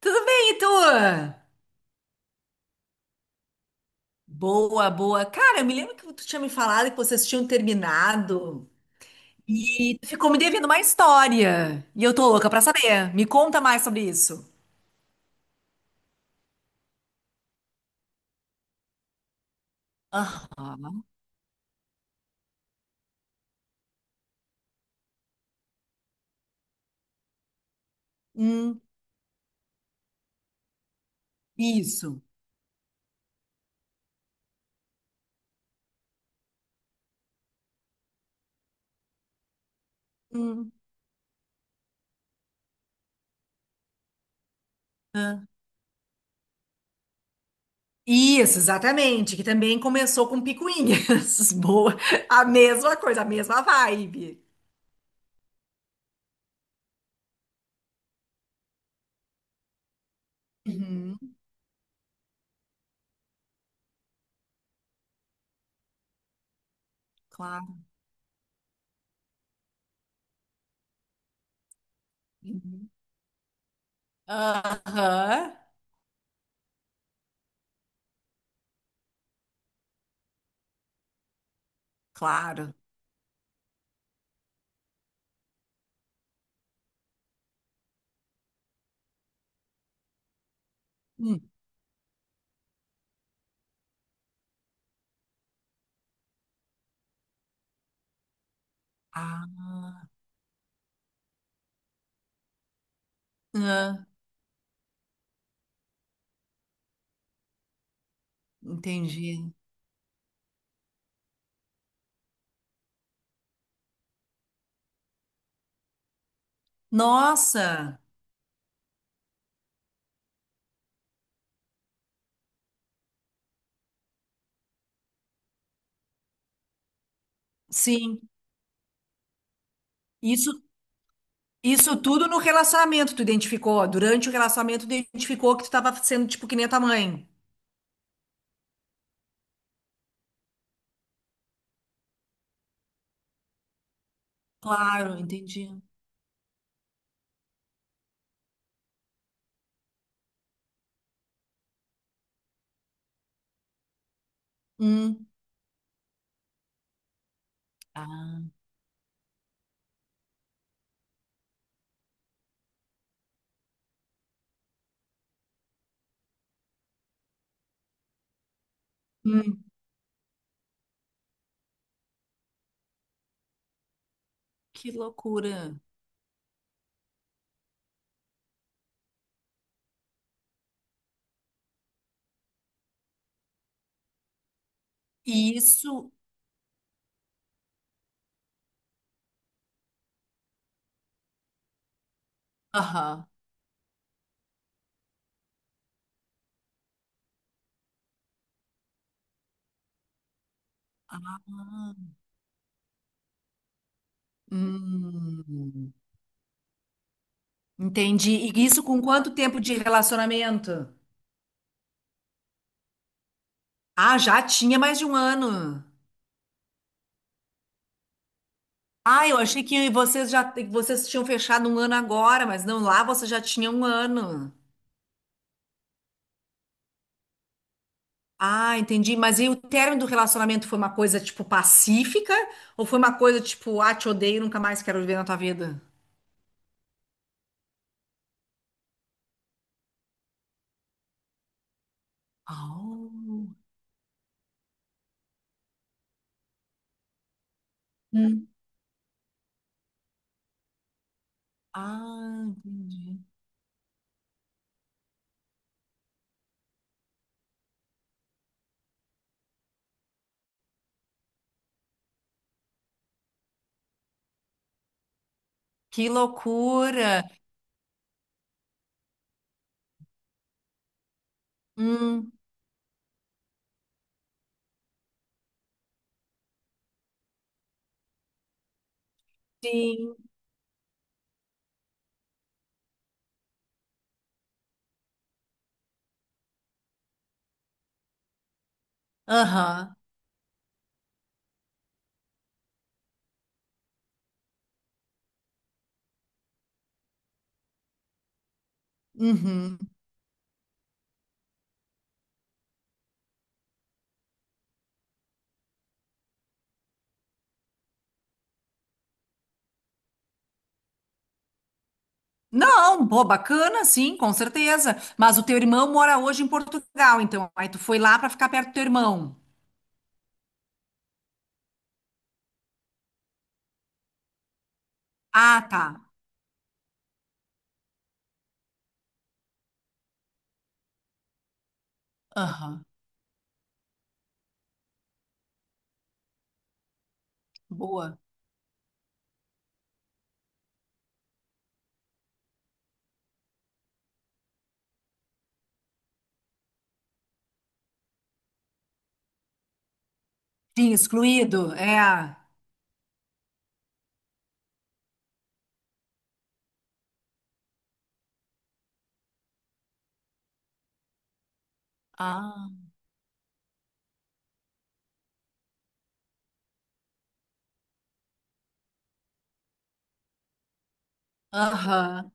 Tudo bem, e tu? Boa, boa. Cara, eu me lembro que tu tinha me falado que vocês tinham terminado e tu ficou me devendo uma história. E eu tô louca pra saber. Me conta mais sobre isso. Aham. Hum, isso. Hum, ah. Isso, exatamente. Que também começou com picuinhas. Boa. A mesma coisa, a mesma vibe. Uhum, claro. Uhum. Aham, claro. Hum, ah, ah, entendi. Nossa, sim. Isso, isso tudo no relacionamento tu identificou. Durante o relacionamento tu identificou que tu tava sendo tipo que nem a tua mãe. Claro, entendi. Hum. Ah. Hum. Que loucura. Isso. Aham. Ah. Hum. Entendi. E isso com quanto tempo de relacionamento? Ah, já tinha mais de um ano. Ah, eu achei que vocês tinham fechado um ano agora, mas não, lá você já tinha um ano. Ah, entendi. Mas e o término do relacionamento foi uma coisa, tipo, pacífica? Ou foi uma coisa, tipo, ah, te odeio, nunca mais quero viver na tua vida? Oh. Hum. Ah, entendi. Que loucura. Hum, sim. Aham. Uhum. Não, pô, bacana, sim, com certeza. Mas o teu irmão mora hoje em Portugal, então. Aí tu foi lá pra ficar perto do teu irmão. Ah, tá. Aham. Boa. Sim, excluído. É. Ah. Aham.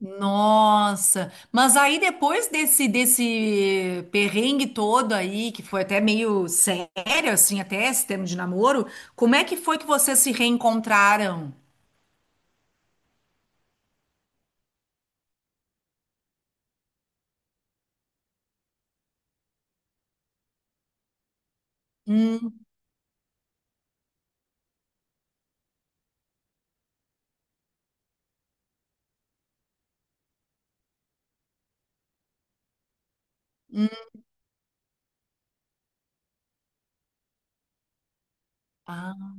Nossa, mas aí depois desse perrengue todo aí, que foi até meio sério, assim, até esse termo de namoro, como é que foi que vocês se reencontraram? Hum, hum, ah,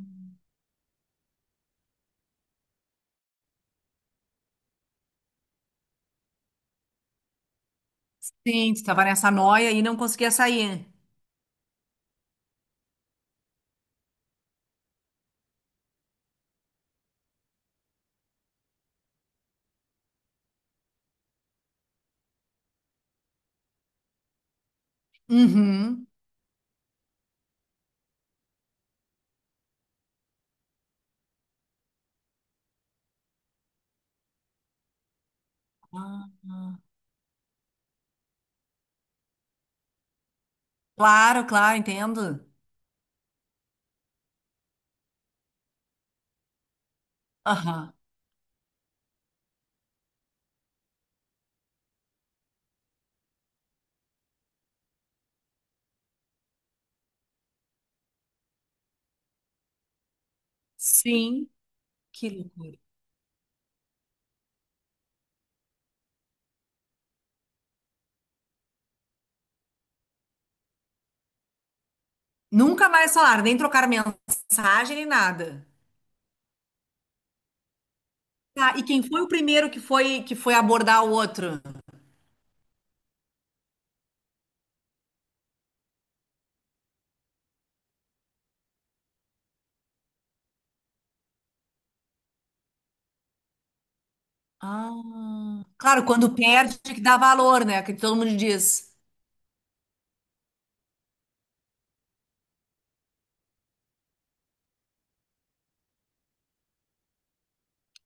sim, tu tava nessa noia e não conseguia sair. Uhum. Ah, ah. Claro, claro, entendo. Aham. Sim, que loucura. Nunca mais falaram, nem trocaram mensagem, nem nada. Tá, e quem foi o primeiro que foi abordar o outro? Ah, claro, quando perde tem que dá valor, né? Que todo mundo diz.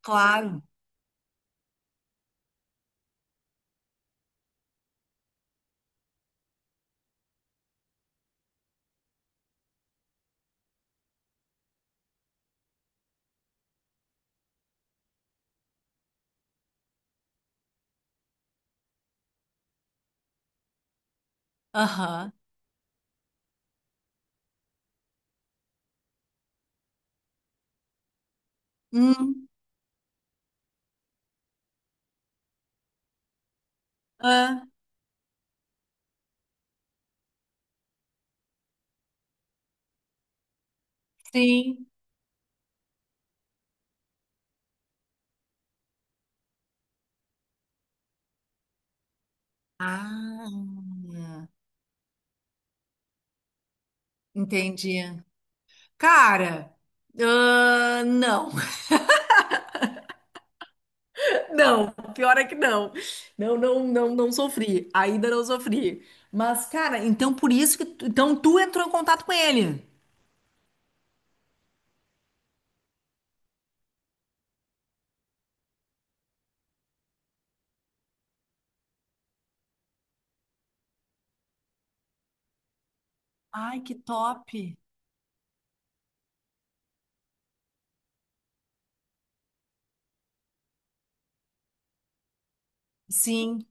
Claro. Aham. Hum, ah, sim. Ah, entendi. Cara, ah, não. Não, pior é que não. Não, não, não, não sofri. Ainda não sofri. Mas, cara, então por isso então tu entrou em contato com ele. Ai, que top. Sim.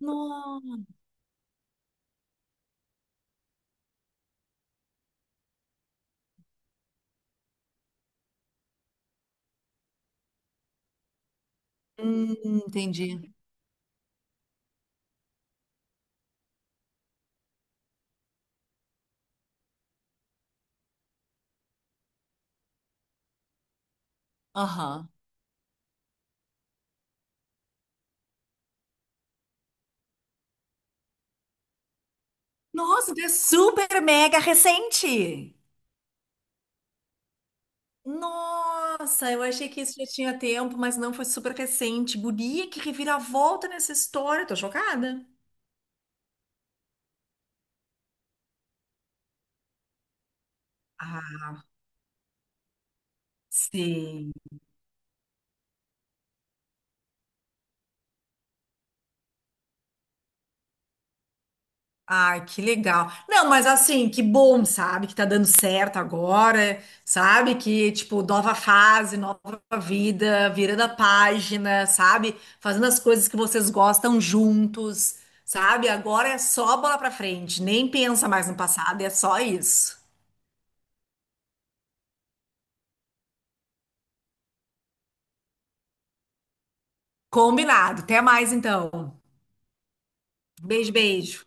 Nossa. Entendi. Aham. Nossa, tu é super mega recente! Nossa, eu achei que isso já tinha tempo, mas não foi super recente. Guria, que reviravolta nessa história, tô chocada. Ah, sim. Ai, que legal. Não, mas assim, que bom, sabe? Que tá dando certo agora, sabe? Que, tipo, nova fase, nova vida, virando a página, sabe? Fazendo as coisas que vocês gostam juntos, sabe? Agora é só bola pra frente, nem pensa mais no passado, é só isso. Combinado. Até mais, então. Beijo, beijo.